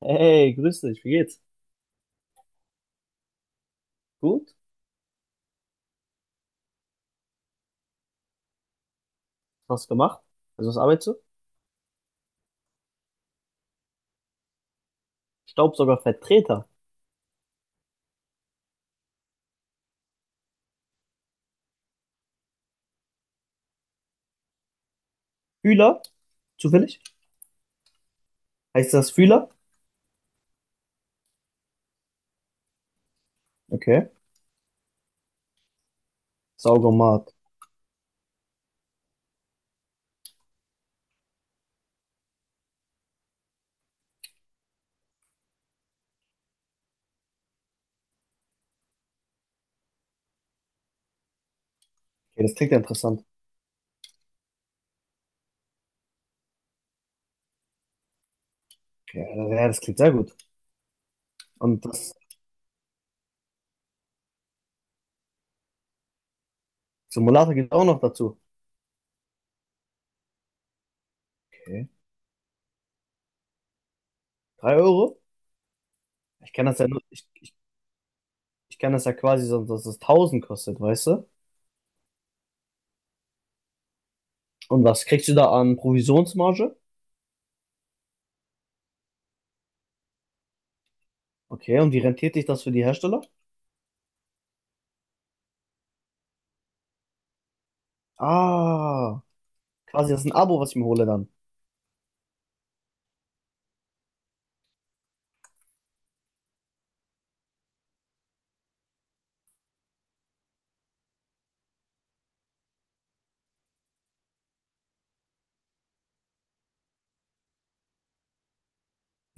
Hey, grüß dich, wie geht's? Gut? Was gemacht? Also was arbeitest du? Staubsaugervertreter. Fühler? Zufällig? Heißt das Fühler? Okay. Saugomat. Okay, das klingt ja interessant. Okay, ja, das klingt sehr gut. Und das Simulator geht auch noch dazu. Okay. Drei Euro? Ich kann das ja nur, ich, ich, ich kann das ja quasi so, dass es tausend kostet, weißt du? Und was kriegst du da an Provisionsmarge? Okay, und wie rentiert sich das für die Hersteller? Ah, quasi das ist ein Abo, was ich mir hole dann.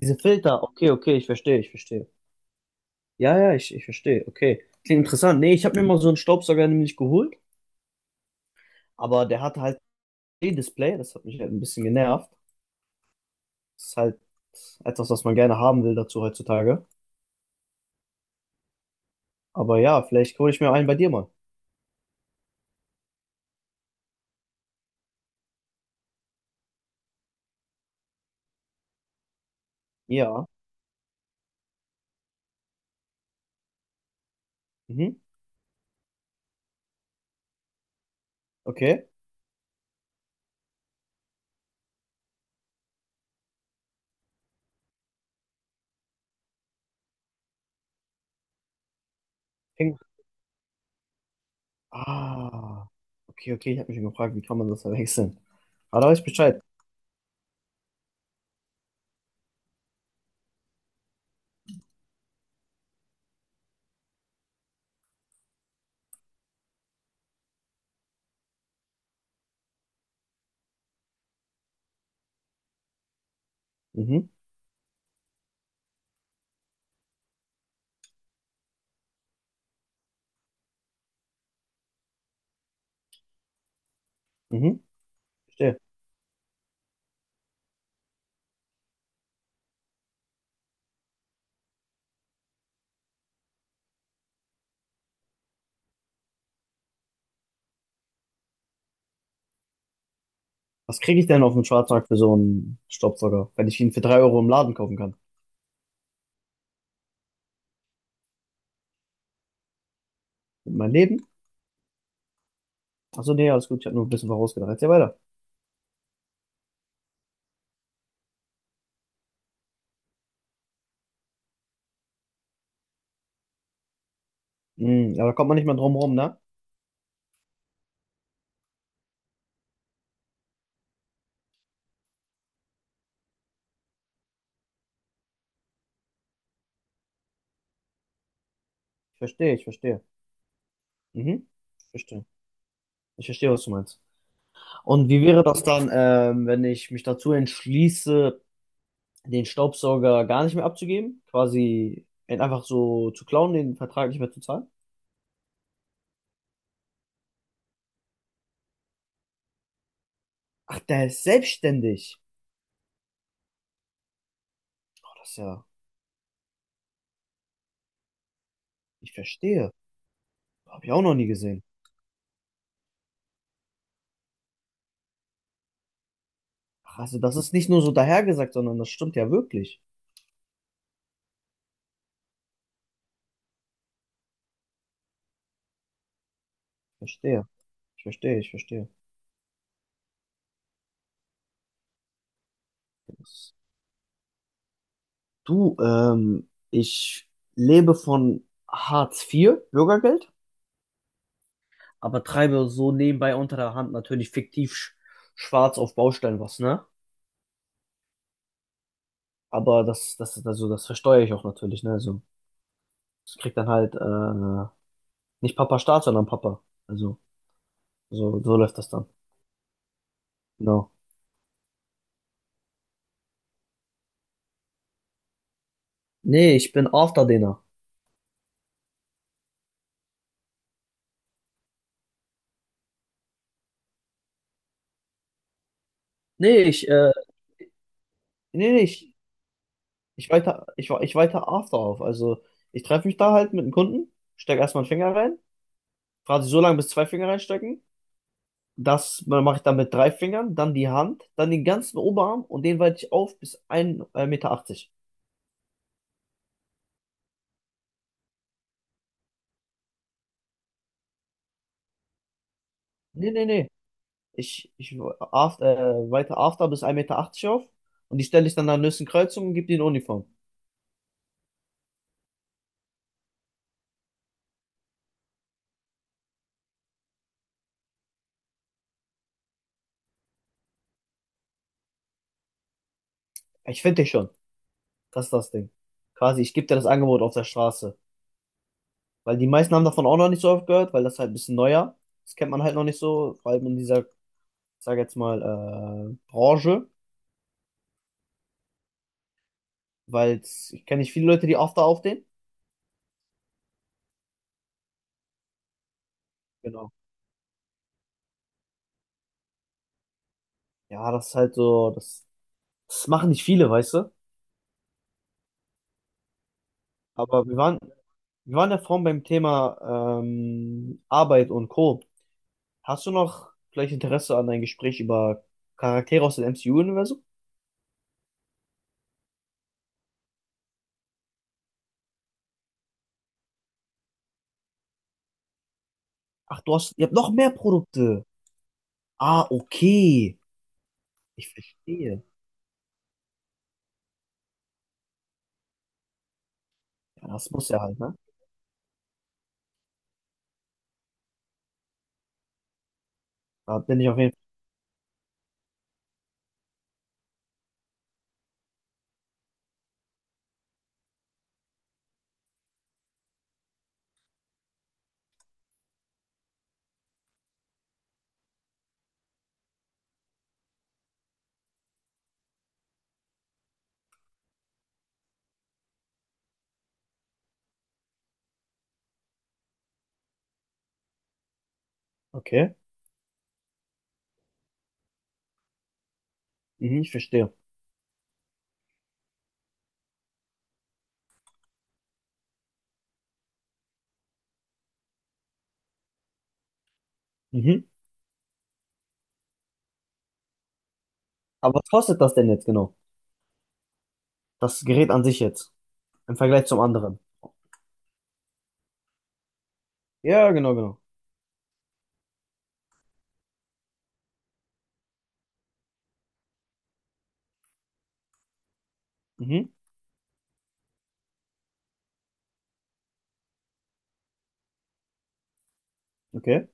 Diese Filter, okay, okay, ich verstehe, ich verstehe. Ja, ja, ich verstehe. Okay. Klingt interessant. Nee, ich habe mir mal so einen Staubsauger nämlich geholt, aber der hatte halt E-Display, das hat mich halt ein bisschen genervt. Das ist halt etwas, was man gerne haben will dazu heutzutage. Aber ja, vielleicht hole ich mir einen bei dir mal. Ja. Mhm. Okay. Ping. Ah. Okay, okay, ich habe mich schon gefragt, wie kann man das verwechseln? Aber da weiß ich Bescheid. Mhm. Mhm. Verstehe. Was kriege ich denn auf dem Schwarzmarkt für so einen Staubsauger, wenn ich ihn für 3 Euro im Laden kaufen kann? Mit meinem Leben? Achso, nee, alles gut, ich habe nur ein bisschen vorausgedacht. Erzähl weiter. Mhm, aber da kommt man nicht mehr drum rum, ne? Ich verstehe, ich verstehe. Mhm. Ich verstehe. Ich verstehe, was du meinst. Und wie wäre das dann, wenn ich mich dazu entschließe, den Staubsauger gar nicht mehr abzugeben? Quasi ihn einfach so zu klauen, den Vertrag nicht mehr zu zahlen? Ach, der ist selbstständig. Boah, das ist ja, ich verstehe. Habe ich auch noch nie gesehen. Ach, also das ist nicht nur so dahergesagt, sondern das stimmt ja wirklich. Ich verstehe. Ich verstehe, ich verstehe. Du, ich lebe von Hartz IV, Bürgergeld, aber treibe so nebenbei unter der Hand natürlich fiktiv schwarz auf Baustellen was, ne? Aber das, also das versteuere ich auch natürlich, ne? Also, ich krieg dann halt, nicht Papa Staat, sondern Papa. Also, so läuft das dann. Genau. Nee, ich bin Afterdinner. Nee, ich, äh, nee, nee, ich weiter After auf. Also, ich treffe mich da halt mit einem Kunden, steck erstmal einen Finger rein, frage sie so lange, bis zwei Finger reinstecken. Das mache ich dann mit drei Fingern, dann die Hand, dann den ganzen Oberarm und den weite ich auf bis 1,80 Meter achtzig. Nee, nee, nee. Ich after, weite After bis 1,80 Meter achtzig auf und die stelle ich dann an der nächsten Kreuzung und gebe die in Uniform. Ich finde dich schon. Das ist das Ding. Quasi, ich gebe dir das Angebot auf der Straße. Weil die meisten haben davon auch noch nicht so oft gehört, weil das halt ein bisschen neuer. Das kennt man halt noch nicht so, vor allem in dieser, ich sag jetzt mal, Branche. Weil ich kenne nicht viele Leute, die After aufdehnen. Genau. Ja, das ist halt so, das machen nicht viele, weißt du? Aber wir waren ja vorhin beim Thema Arbeit und Co. Hast du noch vielleicht Interesse an ein Gespräch über Charaktere aus dem MCU-Universum? Ach, ihr habt noch mehr Produkte. Ah, okay. Ich verstehe. Ja, das muss ja halt, ne? Da bin ich auf jeden Fall. Okay. Mhm, ich verstehe. Mhm. Aber was kostet das denn jetzt genau? Das Gerät an sich jetzt. Im Vergleich zum anderen. Ja, genau, genau. Mhm. Okay.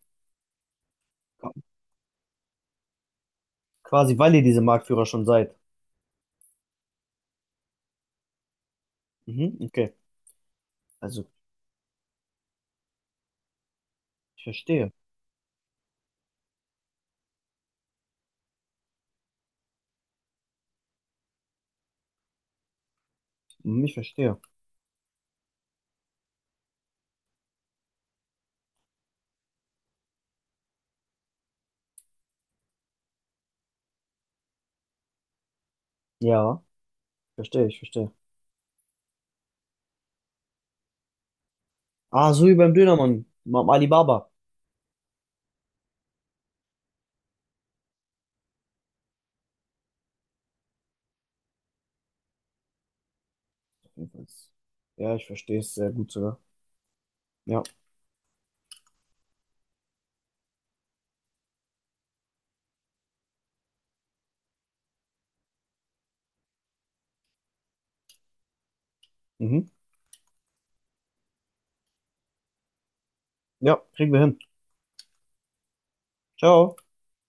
Quasi, weil ihr diese Marktführer schon seid. Mhm, okay. Also. Ich verstehe. Hm, ich verstehe. Ja, verstehe, ich verstehe. Ah, so wie beim Dönermann. Beim Alibaba. Ja, ich verstehe es sehr gut sogar. Ja. Mhm. Ja, kriegen wir hin. Ciao.